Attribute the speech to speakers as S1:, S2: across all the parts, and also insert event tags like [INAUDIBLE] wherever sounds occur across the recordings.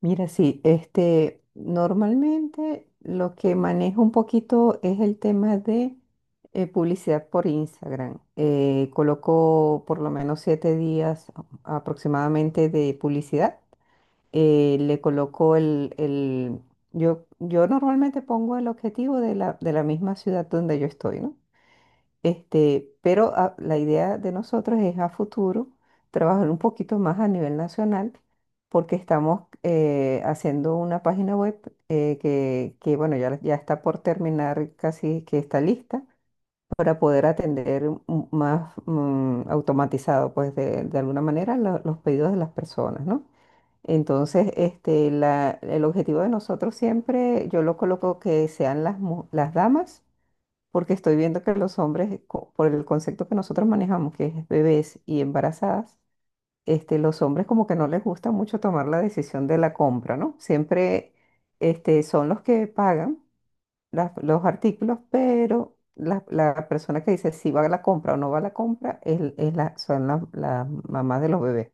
S1: Mira, sí, este, normalmente lo que manejo un poquito es el tema de publicidad por Instagram. Coloco por lo menos 7 días aproximadamente de publicidad. Le coloco. Yo normalmente pongo el objetivo de la misma ciudad donde yo estoy, ¿no? Este, pero la idea de nosotros es a futuro trabajar un poquito más a nivel nacional porque estamos haciendo una página web, que, bueno, ya está por terminar, casi que está lista para poder atender más, automatizado, pues de alguna manera los pedidos de las personas, ¿no? Entonces, este, el objetivo de nosotros siempre, yo lo coloco que sean las damas, porque estoy viendo que los hombres, por el concepto que nosotros manejamos, que es bebés y embarazadas, este, los hombres como que no les gusta mucho tomar la decisión de la compra, ¿no? Siempre, este, son los que pagan los artículos, pero la persona que dice si va a la compra o no va a la compra son las mamás de los bebés.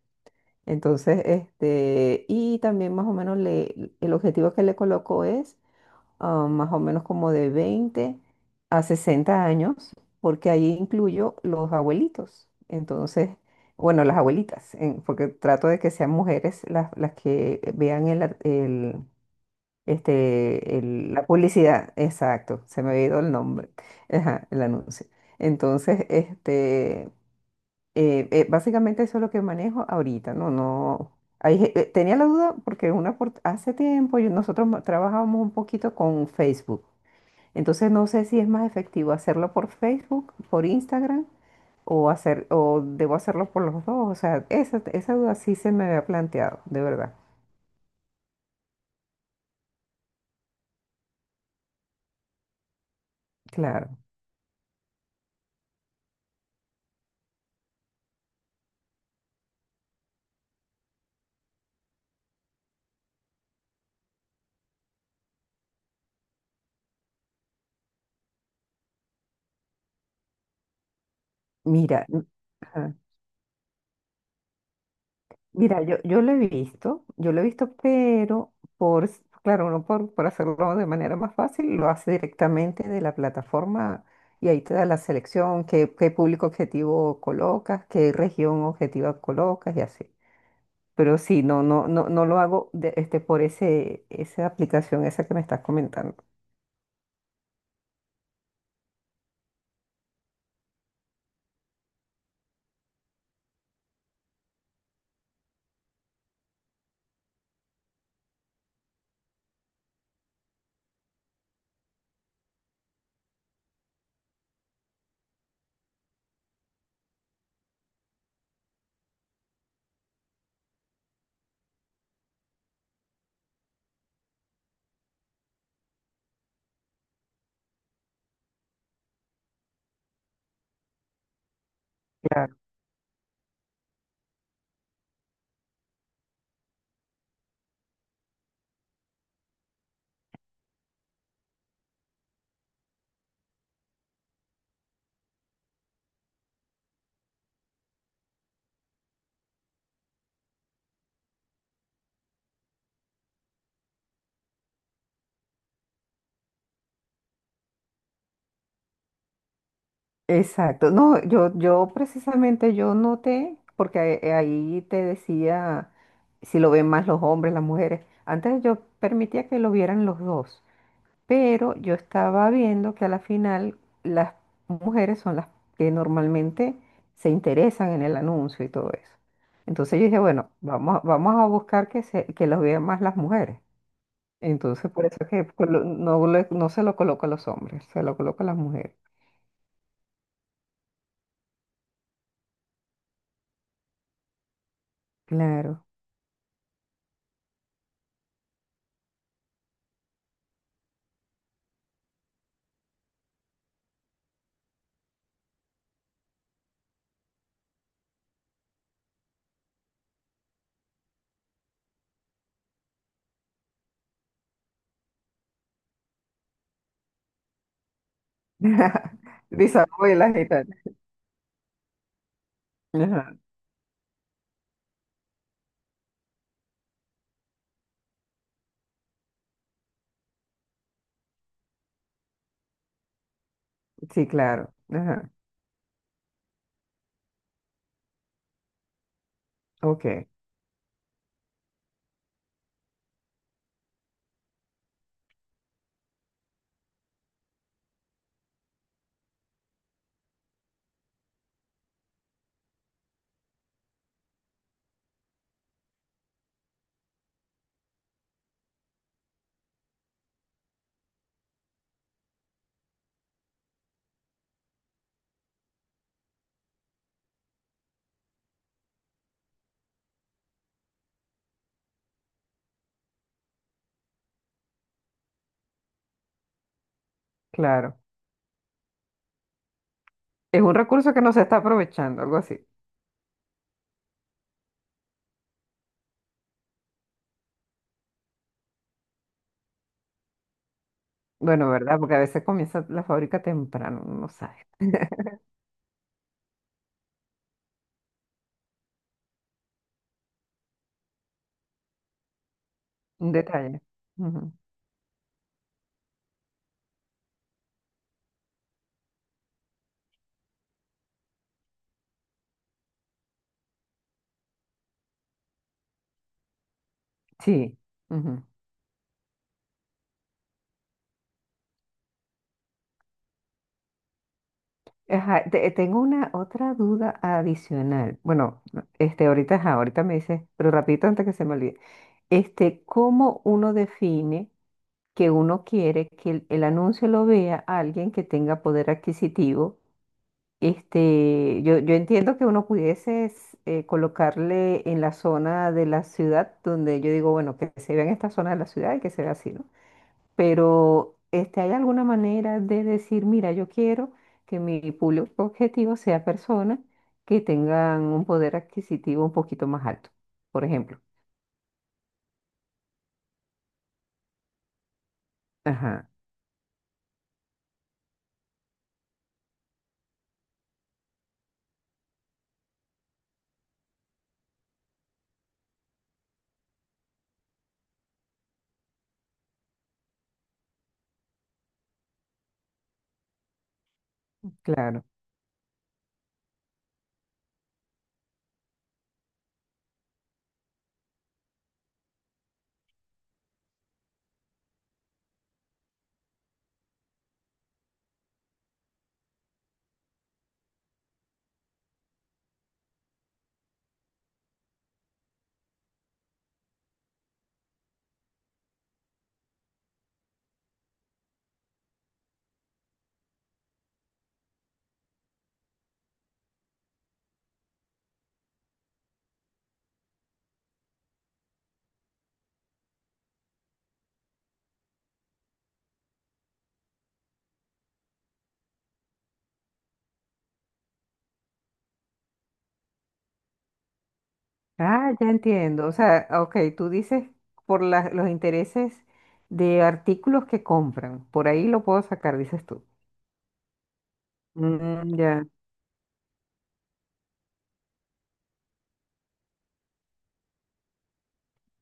S1: Entonces, este, y también más o menos el objetivo que le coloco es más o menos como de 20 a 60 años, porque ahí incluyo los abuelitos. Entonces, bueno, las abuelitas, porque trato de que sean mujeres las que vean el, ar- el- este, el- la publicidad. Exacto, se me había ido el nombre, ajá, el anuncio. Entonces, este, básicamente eso es lo que manejo ahorita, ¿no? No. Ahí, tenía la duda porque hace tiempo trabajábamos un poquito con Facebook. Entonces no sé si es más efectivo hacerlo por Facebook, por Instagram o hacer o debo hacerlo por los dos. O sea, esa duda sí se me había planteado, de verdad. Claro. Mira, ajá. Mira, yo lo he visto, yo lo he visto, pero claro, uno por hacerlo de manera más fácil, lo hace directamente de la plataforma y ahí te da la selección, qué público objetivo colocas, qué región objetiva colocas y así. Pero sí, no, no, no, no lo hago este, por esa aplicación, esa que me estás comentando. Claro. Exacto. No, yo precisamente yo noté, porque ahí te decía si lo ven más los hombres, las mujeres. Antes yo permitía que lo vieran los dos, pero yo estaba viendo que a la final las mujeres son las que normalmente se interesan en el anuncio y todo eso. Entonces yo dije, bueno, vamos a buscar que los vean más las mujeres. Entonces, por eso es que no, no se lo coloca a los hombres, se lo coloca a las mujeres. Claro. [LAUGHS] Bisabuela gitana. Ajá. Sí, claro. Ajá. Ok, claro. Es un recurso que no se está aprovechando, algo así. Bueno, ¿verdad? Porque a veces comienza la fábrica temprano, uno no sabe. Un detalle. Ujú. Sí. Ujú. Ajá, tengo una otra duda adicional. Bueno, este, ahorita, ajá, ahorita me dices, pero rapidito antes que se me olvide. Este, ¿cómo uno define que uno quiere que el anuncio lo vea alguien que tenga poder adquisitivo? Este, yo entiendo que uno pudiese colocarle en la zona de la ciudad donde yo digo, bueno, que se vea en esta zona de la ciudad y que se vea así, ¿no? Pero este, ¿hay alguna manera de decir, mira, yo quiero que mi público objetivo sea personas que tengan un poder adquisitivo un poquito más alto, por ejemplo? Ajá, claro. Ah, ya entiendo. O sea, ok, tú dices por los intereses de artículos que compran. Por ahí lo puedo sacar, dices tú. Mm, ya,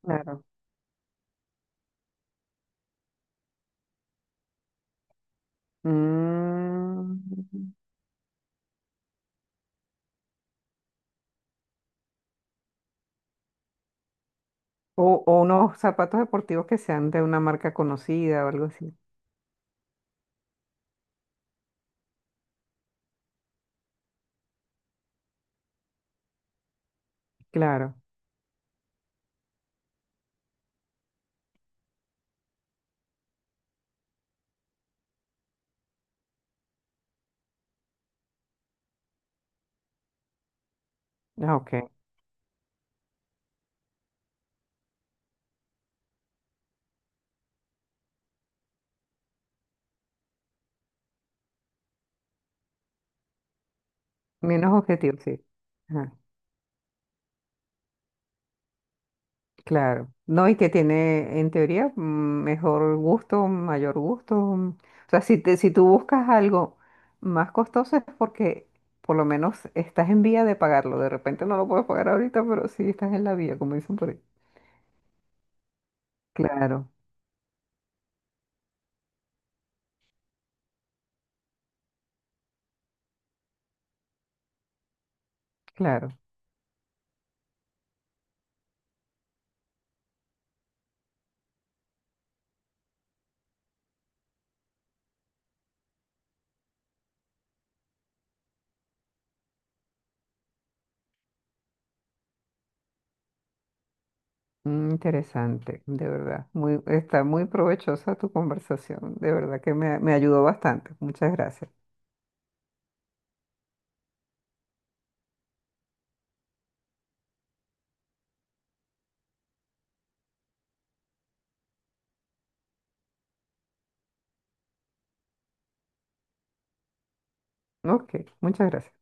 S1: claro. Mm, o unos zapatos deportivos que sean de una marca conocida o algo así. Claro. Ah, ok. Menos objetivo, sí. Claro, no, y que tiene en teoría, mm, mejor gusto, mayor gusto. Mm. O sea, si tú buscas algo más costoso es porque por lo menos estás en vía de pagarlo. De repente no lo puedes pagar ahorita, pero sí estás en la vía, como dicen por ahí. Claro, claro. Mm. Interesante, de verdad. Muy, está muy provechosa tu conversación, de verdad que me ayudó bastante. Muchas gracias. Ok, muchas gracias.